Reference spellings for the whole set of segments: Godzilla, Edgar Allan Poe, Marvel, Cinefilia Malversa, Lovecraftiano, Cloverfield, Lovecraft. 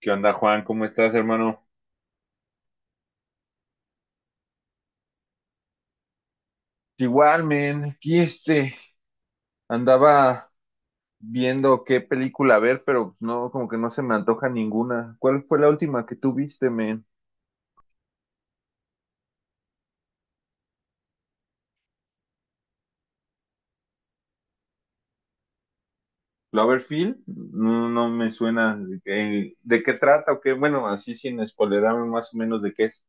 ¿Qué onda, Juan? ¿Cómo estás, hermano? Igual, men, aquí andaba viendo qué película ver, pero no, como que no se me antoja ninguna. ¿Cuál fue la última que tú viste, men? ¿Cloverfield? No, no me suena. ¿De qué trata o qué? Bueno, así sin spoilerarme más o menos de qué es.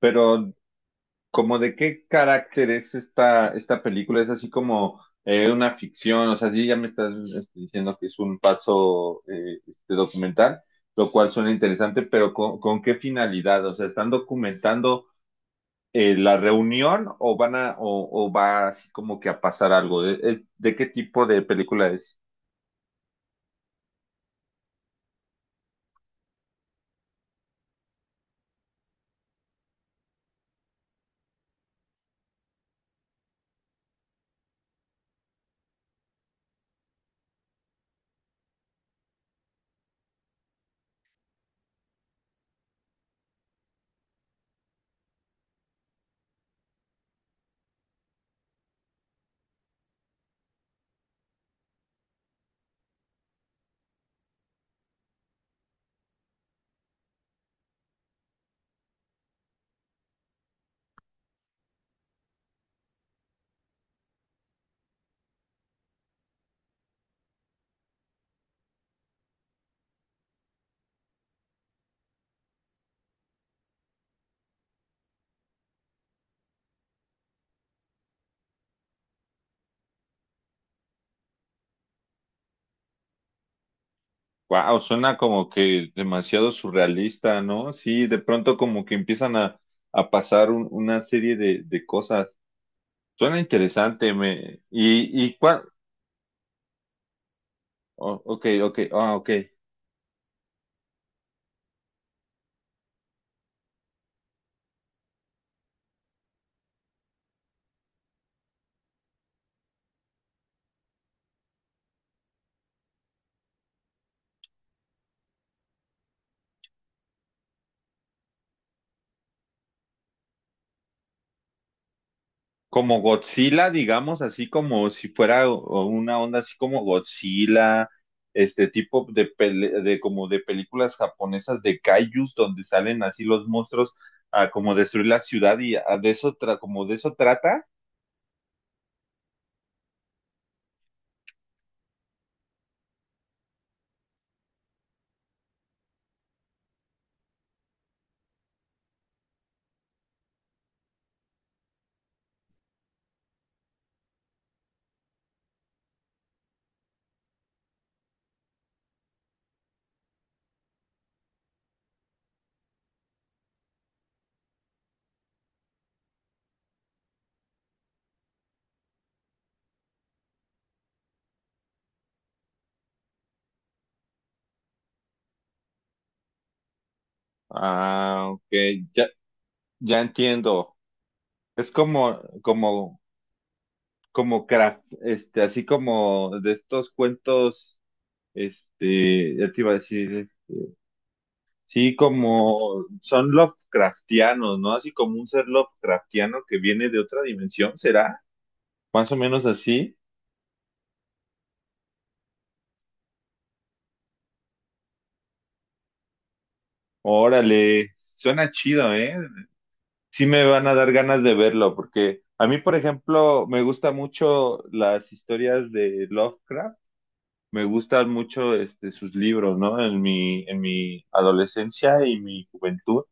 Pero como de qué carácter es esta película, es así como una ficción, o sea, sí ya me estás diciendo que es un paso documental, lo cual suena interesante, pero ¿con qué finalidad? O sea, ¿están documentando la reunión o van a, o va así como que a pasar algo? ¿De qué tipo de película es? Wow, suena como que demasiado surrealista, ¿no? Sí, de pronto como que empiezan a pasar una serie de cosas. Suena interesante, me... ¿Y cuál? Oh, ok, ok, ah, ok. Como Godzilla, digamos, así como si fuera o una onda así como Godzilla, este tipo de, de como de películas japonesas de kaijus donde salen así los monstruos a como destruir la ciudad y como de eso trata. Ah, ok, ya, ya entiendo. Es como craft, así como de estos cuentos. Ya te iba a decir, sí, como son Lovecraftianos, ¿no? Así como un ser Lovecraftiano que viene de otra dimensión, ¿será? Más o menos así. Órale, suena chido, ¿eh? Sí me van a dar ganas de verlo, porque a mí, por ejemplo, me gustan mucho las historias de Lovecraft, me gustan mucho sus libros, ¿no? En mi adolescencia y mi juventud.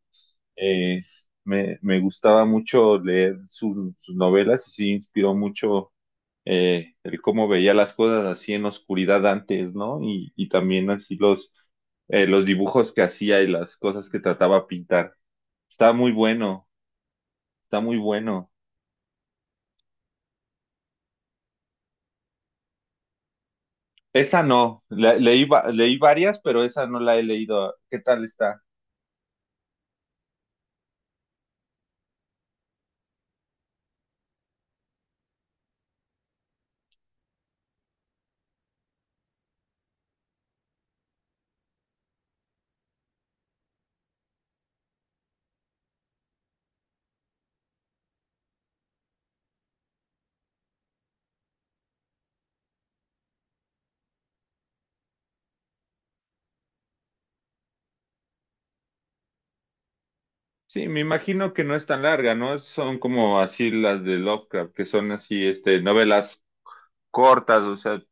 eh, me gustaba mucho leer sus novelas y sí inspiró mucho el cómo veía las cosas así en oscuridad antes, ¿no? Y también así los dibujos que hacía y las cosas que trataba de pintar. Está muy bueno, está muy bueno. Esa no, leí, leí varias, pero esa no la he leído. ¿Qué tal está? Sí, me imagino que no es tan larga, ¿no? Son como así las de Lovecraft, que son así, novelas cortas, o sea,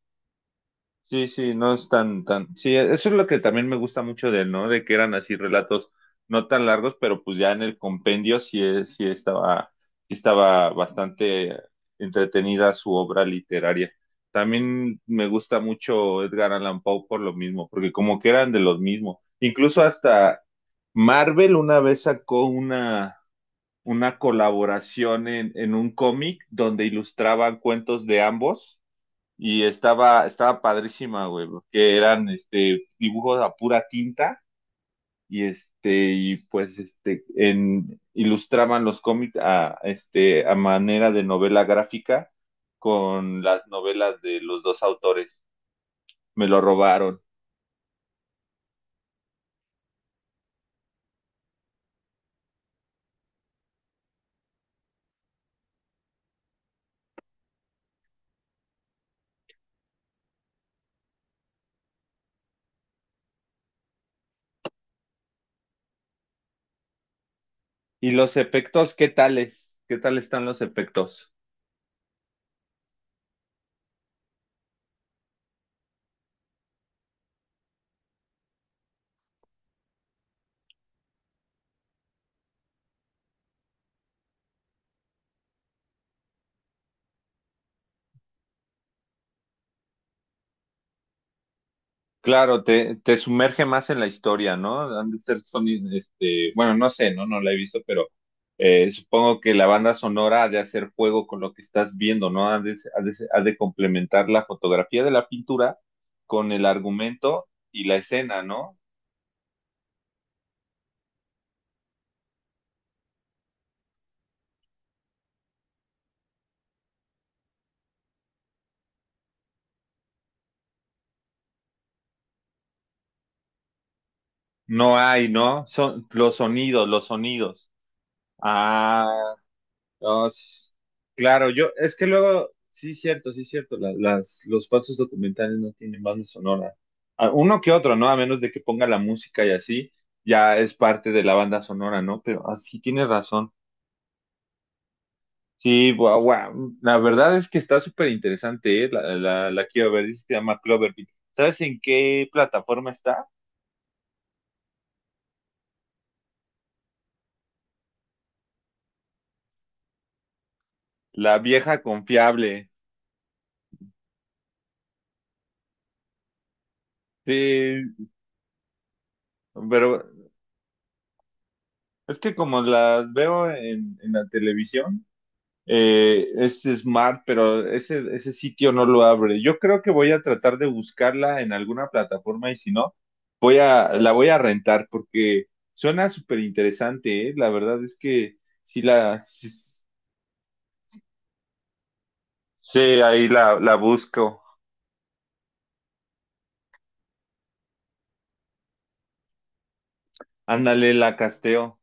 sí, no es tan, tan. Sí, eso es lo que también me gusta mucho de él, ¿no? De que eran así relatos no tan largos, pero pues ya en el compendio sí, sí estaba bastante entretenida su obra literaria. También me gusta mucho Edgar Allan Poe por lo mismo, porque como que eran de los mismos. Incluso hasta Marvel una vez una colaboración en un cómic donde ilustraban cuentos de ambos y estaba padrísima, güey, porque eran dibujos a pura tinta y ilustraban los cómics a a manera de novela gráfica con las novelas de los dos autores. Me lo robaron. ¿Y los efectos, qué tales? ¿Qué tal están los efectos? Claro, te sumerge más en la historia, ¿no? Han de ser bueno, no sé, ¿no? No la he visto, pero supongo que la banda sonora ha de hacer juego con lo que estás viendo, ¿no? Ha de complementar la fotografía de la pintura con el argumento y la escena, ¿no? No hay, ¿no? Son los sonidos, los sonidos. Ah, No, s- claro, yo, es que luego, sí, cierto, los falsos documentales no tienen banda sonora. Ah, uno que otro, ¿no? A menos de que ponga la música y así, ya es parte de la banda sonora, ¿no? Pero así tiene razón. Sí, guau, guau. La verdad es que está súper interesante, ¿eh? La quiero ver, dice que se llama Cloverfield. ¿Sabes en qué plataforma está? La vieja confiable. Sí, pero es que como las veo en la televisión, es Smart, pero ese sitio no lo abre. Yo creo que voy a tratar de buscarla en alguna plataforma y si no, la voy a rentar porque suena súper interesante, ¿eh? La verdad es que sí la, sí, sí, la busco. Ándale, la casteo.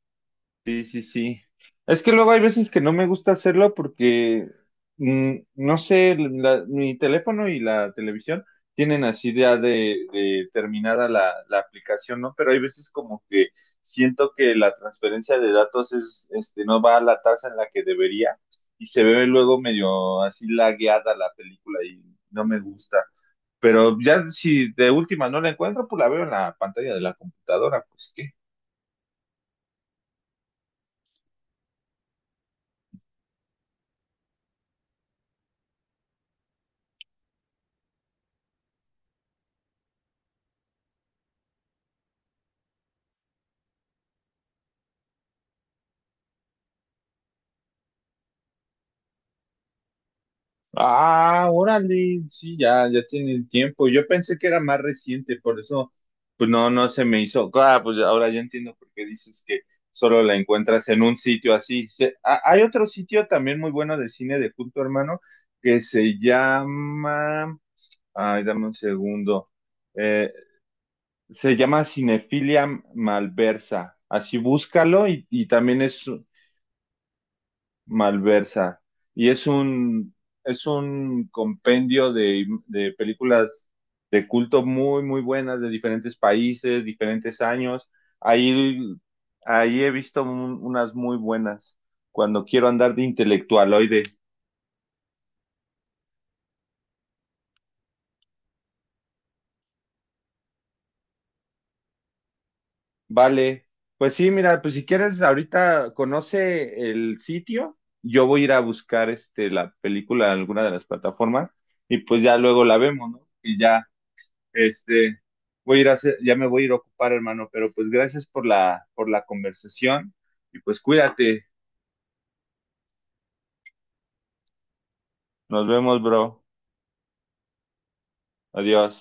Sí, sí, sí. Es que luego hay veces que no me gusta hacerlo porque, mm, no sé, mi teléfono y la televisión tienen así ya de terminada la aplicación, ¿no? Pero hay veces como que siento que la transferencia de datos es, no va a la tasa en la que debería y se ve luego medio así lagueada la película y no me gusta. Pero ya si de última no la encuentro, pues la veo en la pantalla de la computadora, pues qué. Ah, órale, sí, ya, ya tienen tiempo. Yo pensé que era más reciente, por eso, pues no, no se me hizo. Claro, pues ahora ya entiendo por qué dices que solo la encuentras en un sitio así. Hay otro sitio también muy bueno de cine de culto, hermano, que se llama, ay, dame un segundo. Eh, Se llama Cinefilia Malversa. Así búscalo y también es, Malversa. Y es un, es un compendio de películas de culto muy, muy buenas de diferentes países, diferentes años. Ahí, ahí he visto unas muy buenas cuando quiero andar de intelectualoide. Vale, pues sí, mira, pues si quieres ahorita conoce el sitio, yo voy a ir a buscar la película en alguna de las plataformas y pues ya luego la vemos, ¿no? Y ya. Este, Voy a ir a hacer, ya me voy a ir a ocupar, hermano, pero pues gracias por la conversación y pues cuídate. Nos vemos, bro. Adiós.